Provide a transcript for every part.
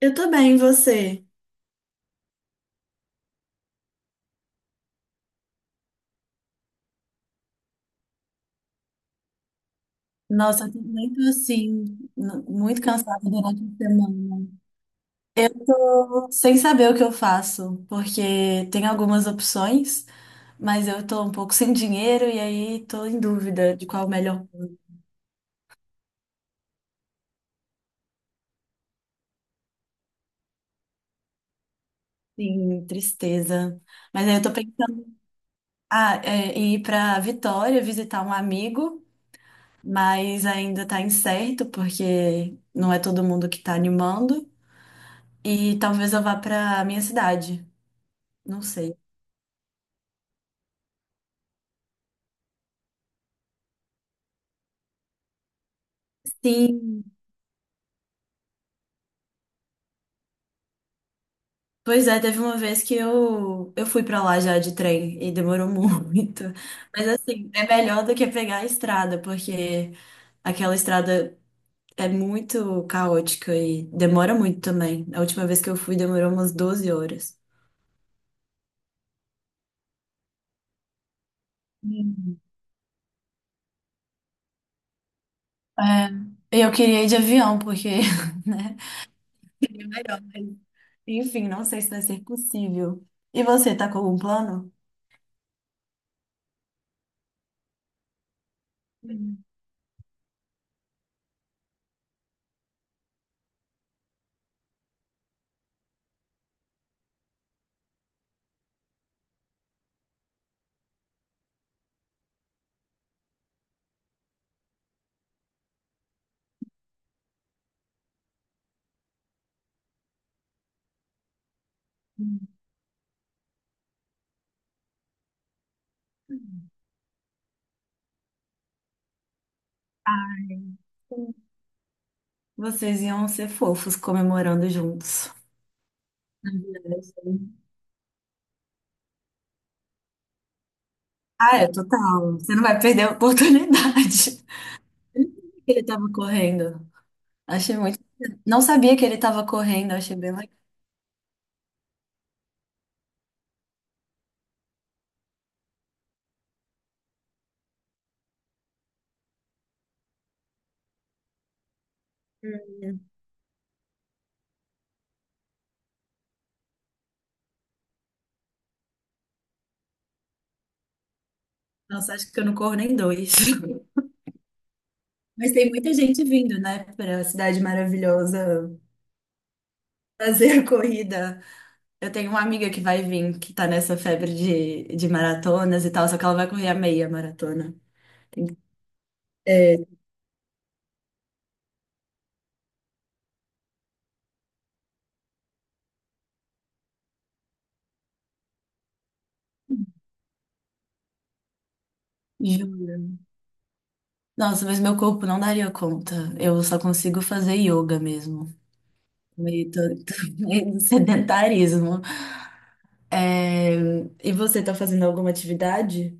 Eu tô bem, e você? Nossa, eu também tô muito assim, muito cansada durante a semana. Eu tô sem saber o que eu faço, porque tem algumas opções, mas eu tô um pouco sem dinheiro e aí tô em dúvida de qual o melhor. Sim, tristeza. Mas aí eu tô pensando, ah, é, em ir pra Vitória visitar um amigo, mas ainda tá incerto, porque não é todo mundo que tá animando. E talvez eu vá pra minha cidade, não sei. Sim, pois é, teve uma vez que eu fui pra lá já de trem e demorou muito. Mas assim, é melhor do que pegar a estrada, porque aquela estrada é muito caótica e demora muito também. A última vez que eu fui demorou umas 12 horas. Hum. É, e eu queria ir de avião, porque, né? Seria melhor, mas, enfim, não sei se vai ser possível. E você, tá com algum plano? Hum, hum. Vocês iam ser fofos comemorando juntos. Eu sei. Ah, é total. Você não vai perder a oportunidade. Eu não sabia que ele tava correndo. Achei muito. Não sabia que ele tava correndo, achei bem legal. Nossa, acho que eu não corro nem dois. Mas tem muita gente vindo, né, pra Cidade Maravilhosa fazer a corrida. Eu tenho uma amiga que vai vir, que tá nessa febre de, maratonas e tal, só que ela vai correr a meia maratona. É, juro. Nossa, mas meu corpo não daria conta. Eu só consigo fazer yoga mesmo. Meio tô, meio sedentarismo. É, e você tá fazendo alguma atividade?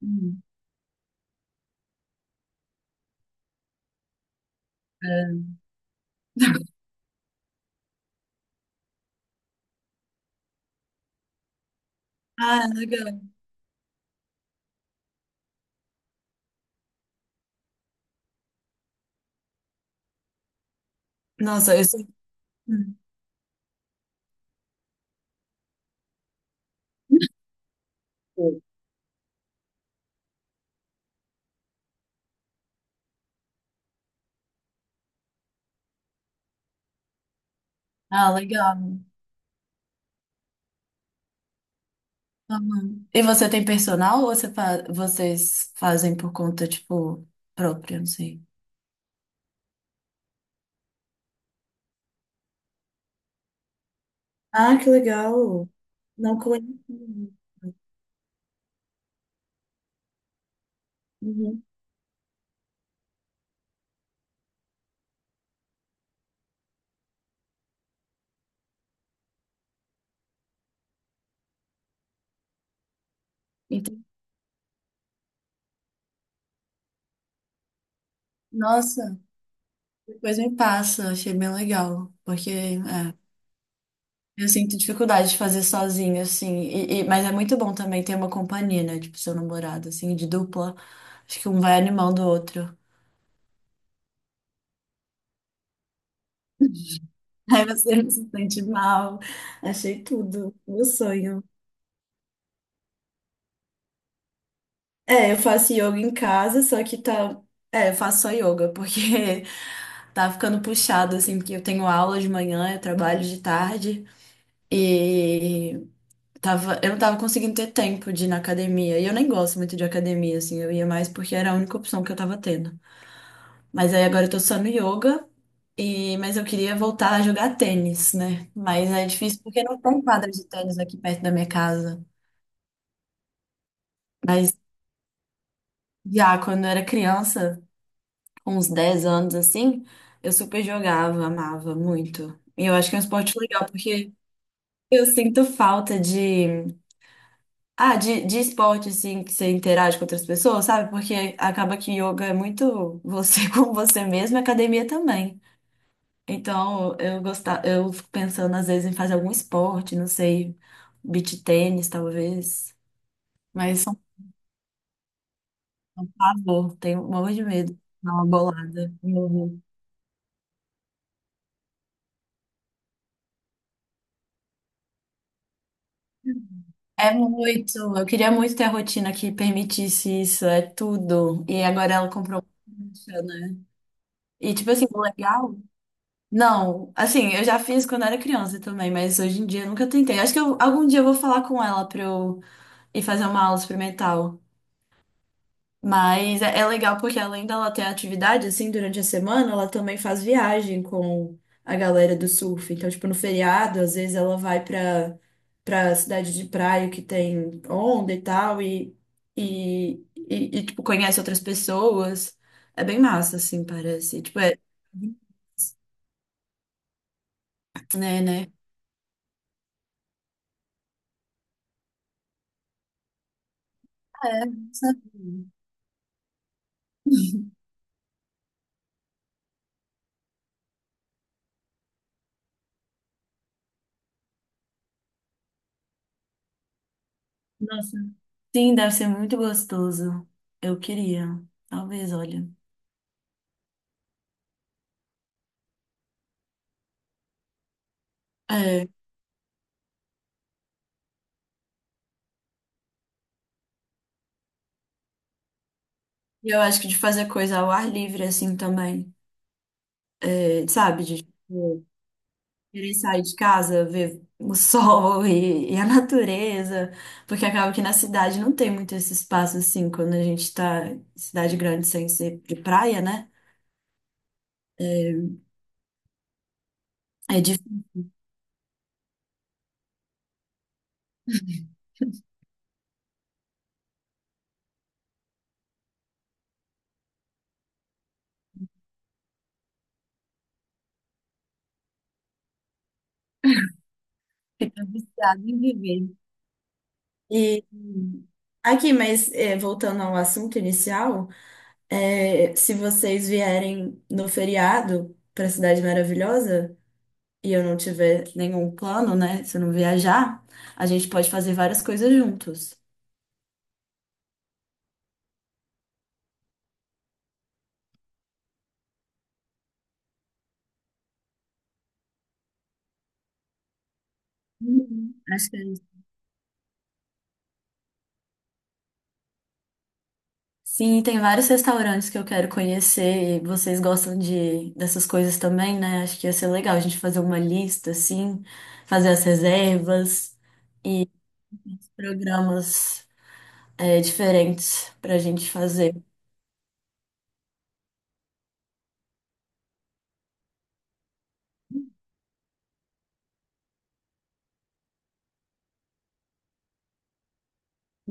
Hum. Ah, legal. Nossa, eu sou. Hum. Ah, legal. Uhum. E você tem personal ou você vocês fazem por conta, tipo, própria? Não sei. Ah, que legal. Não conheço. Uhum. Entendi. Nossa, depois me passa. Achei bem legal. Porque, é. Eu sinto dificuldade de fazer sozinho, assim. E, mas é muito bom também ter uma companhia, né? Tipo, seu namorado, assim, de dupla. Acho que um vai animando o outro. Aí você não se sente mal. Achei tudo. Meu sonho. É, eu faço yoga em casa, só que tá. É, eu faço só yoga, porque tá ficando puxado, assim, porque eu tenho aula de manhã, eu trabalho de tarde. E tava, eu não tava conseguindo ter tempo de ir na academia. E eu nem gosto muito de academia, assim, eu ia mais porque era a única opção que eu tava tendo. Mas aí agora eu tô só no yoga. E, mas eu queria voltar a jogar tênis, né? Mas é difícil porque não tem quadra de tênis aqui perto da minha casa. Mas já quando eu era criança, com uns 10 anos assim, eu super jogava, amava muito. E eu acho que é um esporte legal porque eu sinto falta de, ah, de esporte assim que você interage com outras pessoas, sabe? Porque acaba que yoga é muito você com você mesmo, e academia também. Então, eu gostava, eu fico pensando às vezes em fazer algum esporte, não sei, beach tênis, talvez. Mas, sou um pavor, tenho um monte de medo de dar uma bolada. Uhum. É muito. Eu queria muito ter a rotina que permitisse isso, é tudo. E agora ela comprou uma prancha, né? E, tipo assim, o legal. Não, assim, eu já fiz quando era criança também, mas hoje em dia eu nunca tentei. Acho que algum dia eu vou falar com ela pra eu ir fazer uma aula experimental. Mas é legal porque além dela ter atividade, assim, durante a semana, ela também faz viagem com a galera do surf. Então, tipo, no feriado, às vezes ela vai pra, cidade de praia que tem onda e tal, e, e, tipo, conhece outras pessoas. É bem massa, assim, parece. Tipo, é, né? Ah, é, não sabia. Nossa. Sim, deve ser muito gostoso. Eu queria. Talvez, olha. É. E eu acho que de fazer coisa ao ar livre, assim, também. É, sabe? De tipo, querer sair de casa, ver o sol e a natureza. Porque acaba que na cidade não tem muito esse espaço, assim, quando a gente tá em cidade grande sem ser de praia, né? É difícil ficar viciado em viver. E aqui, mas é, voltando ao assunto inicial, é, se vocês vierem no feriado para Cidade Maravilhosa, e eu não tiver nenhum plano, né? Se eu não viajar, a gente pode fazer várias coisas juntos. Uhum. Acho que é isso. Sim, tem vários restaurantes que eu quero conhecer e vocês gostam de dessas coisas também, né? Acho que ia ser legal a gente fazer uma lista, assim, fazer as reservas, programas é, diferentes pra gente fazer.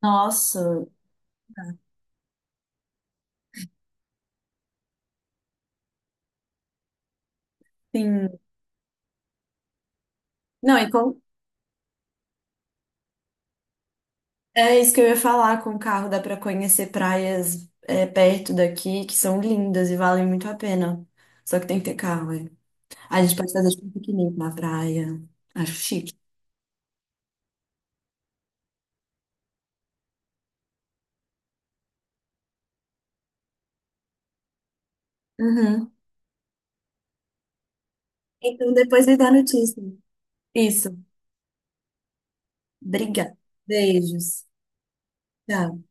Nossa, sim. Não, e como é isso que eu ia falar, com o carro dá pra conhecer praias é, perto daqui que são lindas e valem muito a pena. Só que tem que ter carro, é. A gente pode fazer tipo um piquenique na praia. Acho chique. Uhum. Então depois me dá notícia. Isso. Obrigada. Beijos. Tchau.